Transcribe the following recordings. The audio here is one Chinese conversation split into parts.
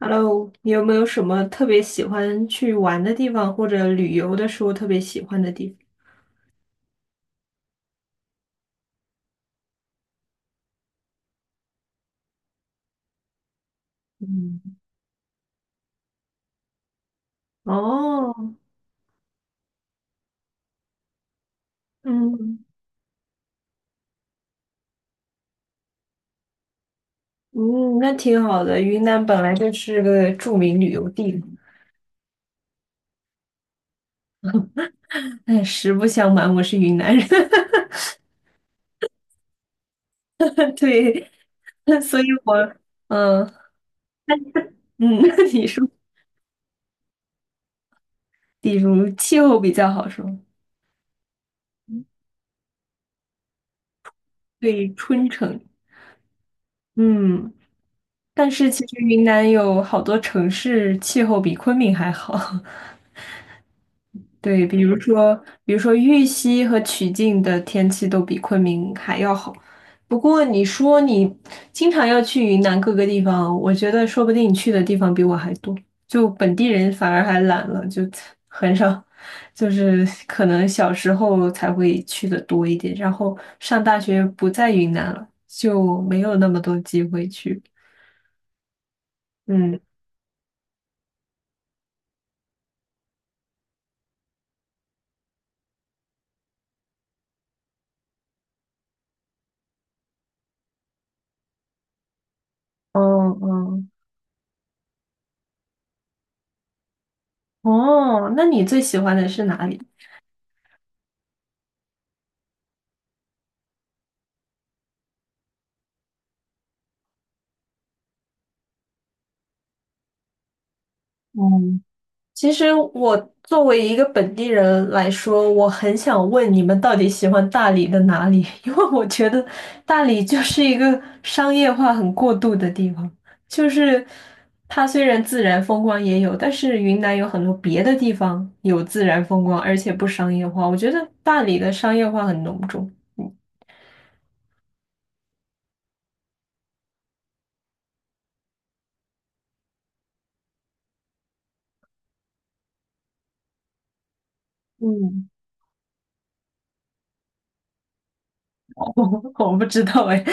Hello，你有没有什么特别喜欢去玩的地方，或者旅游的时候特别喜欢的地方？嗯哦，嗯嗯，那挺好的。云南本来就是个著名旅游地嘛。哎，实不相瞒，我是云南人，对，所以我，嗯嗯，你说，比如气候比较好说，对，春城，嗯，但是其实云南有好多城市气候比昆明还好。对，比如说玉溪和曲靖的天气都比昆明还要好。不过你说你经常要去云南各个地方，我觉得说不定你去的地方比我还多，就本地人反而还懒了，就 很少，就是可能小时候才会去的多一点，然后上大学不在云南了，就没有那么多机会去。嗯，哦哦哦，那你最喜欢的是哪里？嗯。其实我作为一个本地人来说，我很想问你们到底喜欢大理的哪里？因为我觉得大理就是一个商业化很过度的地方，就是它虽然自然风光也有，但是云南有很多别的地方有自然风光，而且不商业化。我觉得大理的商业化很浓重。嗯，嗯 我不知道哎。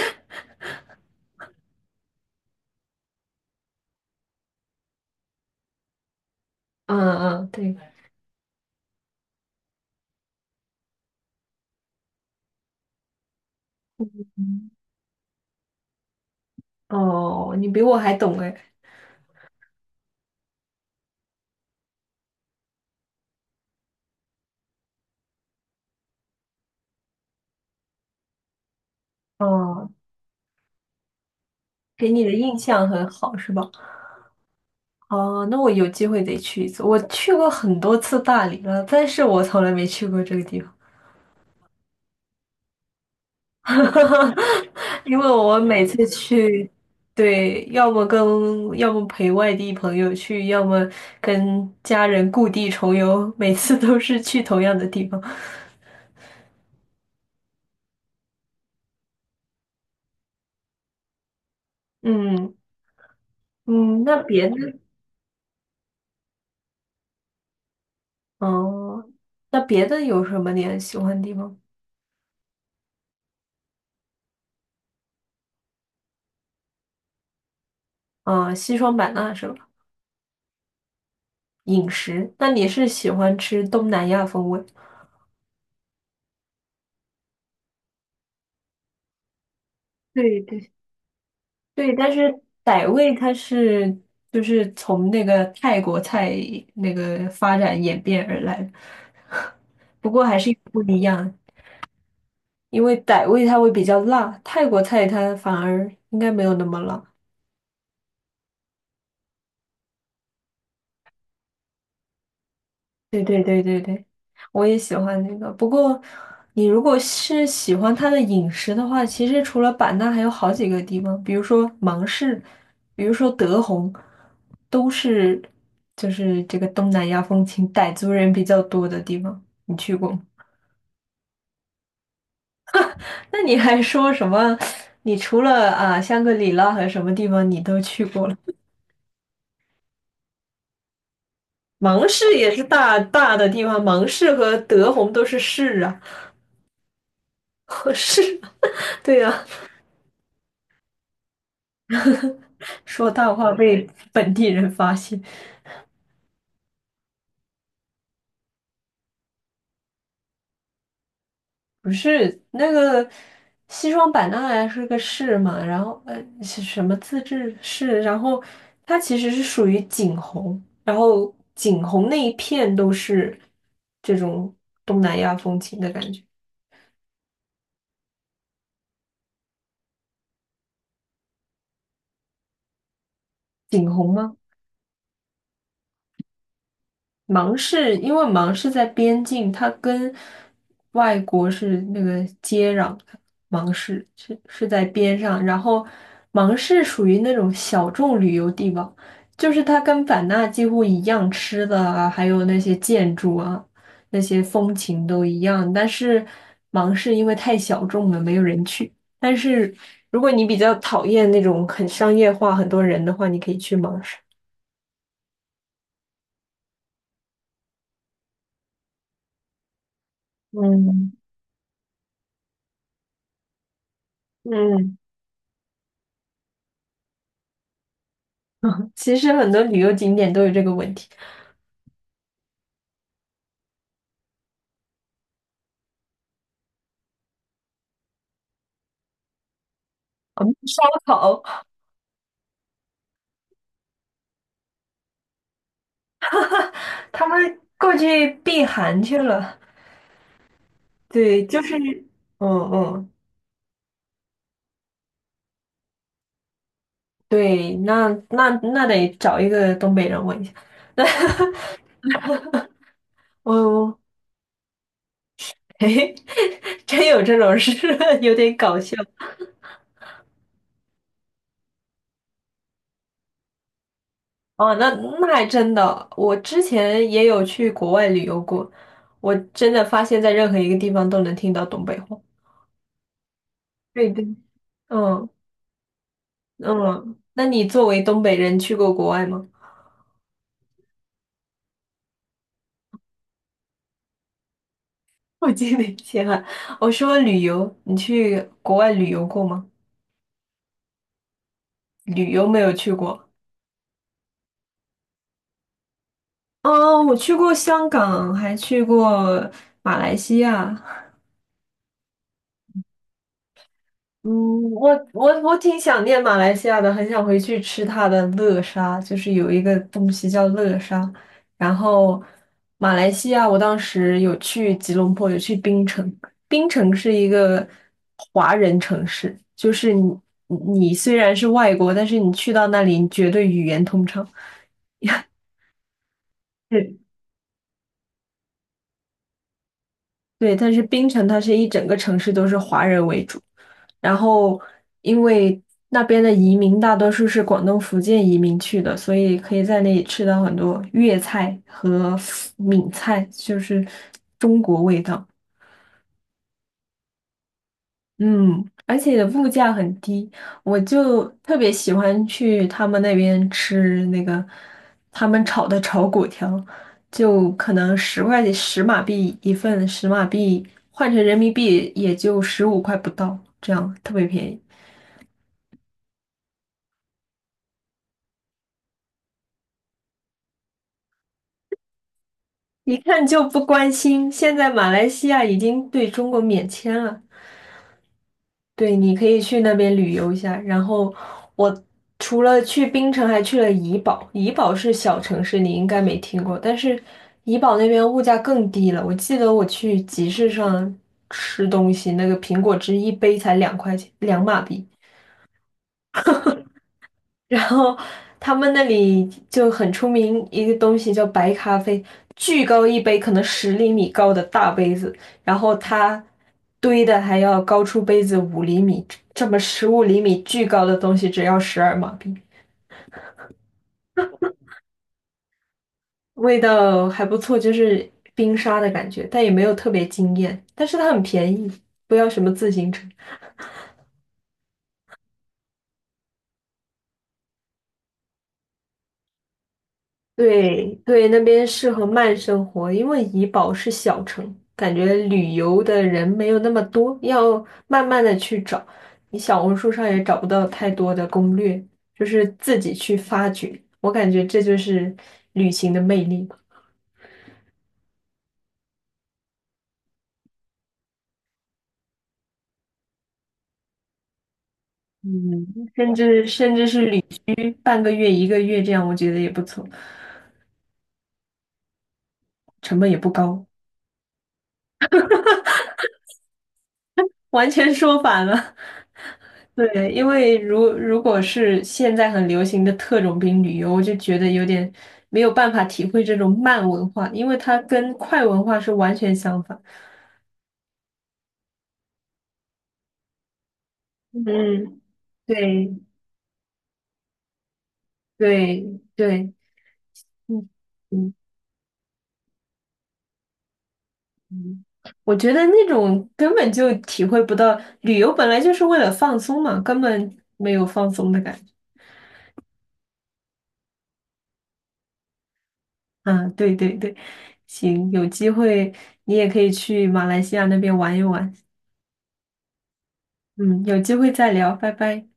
嗯嗯，对，哦，你比我还懂哎。哦，给你的印象很好是吧？哦，那我有机会得去一次。我去过很多次大理了，但是我从来没去过这个地方，因为我每次去，对，要么跟要么陪外地朋友去，要么跟家人故地重游，每次都是去同样的地方。嗯嗯，那别的，哦，那别的有什么你很喜欢的地方？啊，西双版纳是吧？饮食，那你是喜欢吃东南亚风味？对对，对，但是傣味它是就是从那个泰国菜那个发展演变而来的，不过还是有不一样，因为傣味它会比较辣，泰国菜它反而应该没有那么辣。对对对对对，我也喜欢那个。不过，你如果是喜欢它的饮食的话，其实除了版纳，还有好几个地方，比如说芒市，比如说德宏，都是就是这个东南亚风情，傣族人比较多的地方。你去过吗？那你还说什么？你除了啊香格里拉和什么地方你都去过了？芒市也是大大的地方，芒市和德宏都是市啊，和市啊，对呀、说大话被本地人发现，不是那个西双版纳呀，是个市嘛，然后是什么自治市，然后它其实是属于景洪，然后景洪那一片都是这种东南亚风情的感觉，景洪吗？芒市，因为芒市在边境，它跟外国是那个接壤的，芒市是在边上，然后芒市属于那种小众旅游地方，就是它跟版纳几乎一样，吃的啊，还有那些建筑啊，那些风情都一样，但是芒市因为太小众了，没有人去。但是如果你比较讨厌那种很商业化、很多人的话，你可以去芒市。嗯嗯，其实很多旅游景点都有这个问题。我们烧烤，他们过去避寒去了。对，就是，嗯嗯，对，那得找一个东北人问一下。那我，嘿，真有这种事，有点搞笑。哦，那那还真的，我之前也有去国外旅游过，我真的发现在任何一个地方都能听到东北话。对对，嗯嗯，那你作为东北人去过国外吗？我记得以前啊，我说旅游，你去国外旅游过吗？旅游没有去过。哦，我去过香港，还去过马来西亚，嗯，我挺想念马来西亚的，很想回去吃它的乐沙，就是有一个东西叫乐沙。然后马来西亚，我当时有去吉隆坡，有去槟城。槟城是一个华人城市，就是你虽然是外国，但是你去到那里，你绝对语言通畅。是对，但是槟城它是一整个城市都是华人为主，然后因为那边的移民大多数是广东、福建移民去的，所以可以在那里吃到很多粤菜和闽菜，就是。嗯，而且物价很低，我就特别喜欢去他们那边吃那个他们炒的炒粿条，就可能10块钱十马币一份，十马币换成人民币也就15块不到，这样特别便宜。一看就不关心，现在马来西亚已经对中国免签了，对，你可以去那边旅游一下。然后我除了去槟城，还去了怡保。怡保是小城市，你应该没听过，但是怡保那边物价更低了。我记得我去集市上吃东西，那个苹果汁一杯才2块钱，2马币。然后他们那里就很出名一个东西叫白咖啡，巨高一杯，可能10厘米高的大杯子，然后它堆的还要高出杯子五厘米，这么15厘米巨高的东西只要12马币，味道还不错，就是冰沙的感觉，但也没有特别惊艳，但是它很便宜，不要什么自行车。对对，那边适合慢生活，因为怡保是小城，感觉旅游的人没有那么多，要慢慢的去找。你小红书上也找不到太多的攻略，就是自己去发掘。我感觉这就是旅行的魅力吧嗯，甚至是旅居半个月、一个月这样，我觉得也不错，成本也不高，完全说反了。对，因为如果是现在很流行的特种兵旅游，我就觉得有点没有办法体会这种慢文化，因为它跟快文化是完全相反。嗯，对对对，嗯嗯嗯，我觉得那种根本就体会不到，旅游本来就是为了放松嘛，根本没有放松的感觉。啊，对对对，行，有机会你也可以去马来西亚那边玩一玩。嗯，有机会再聊，拜拜。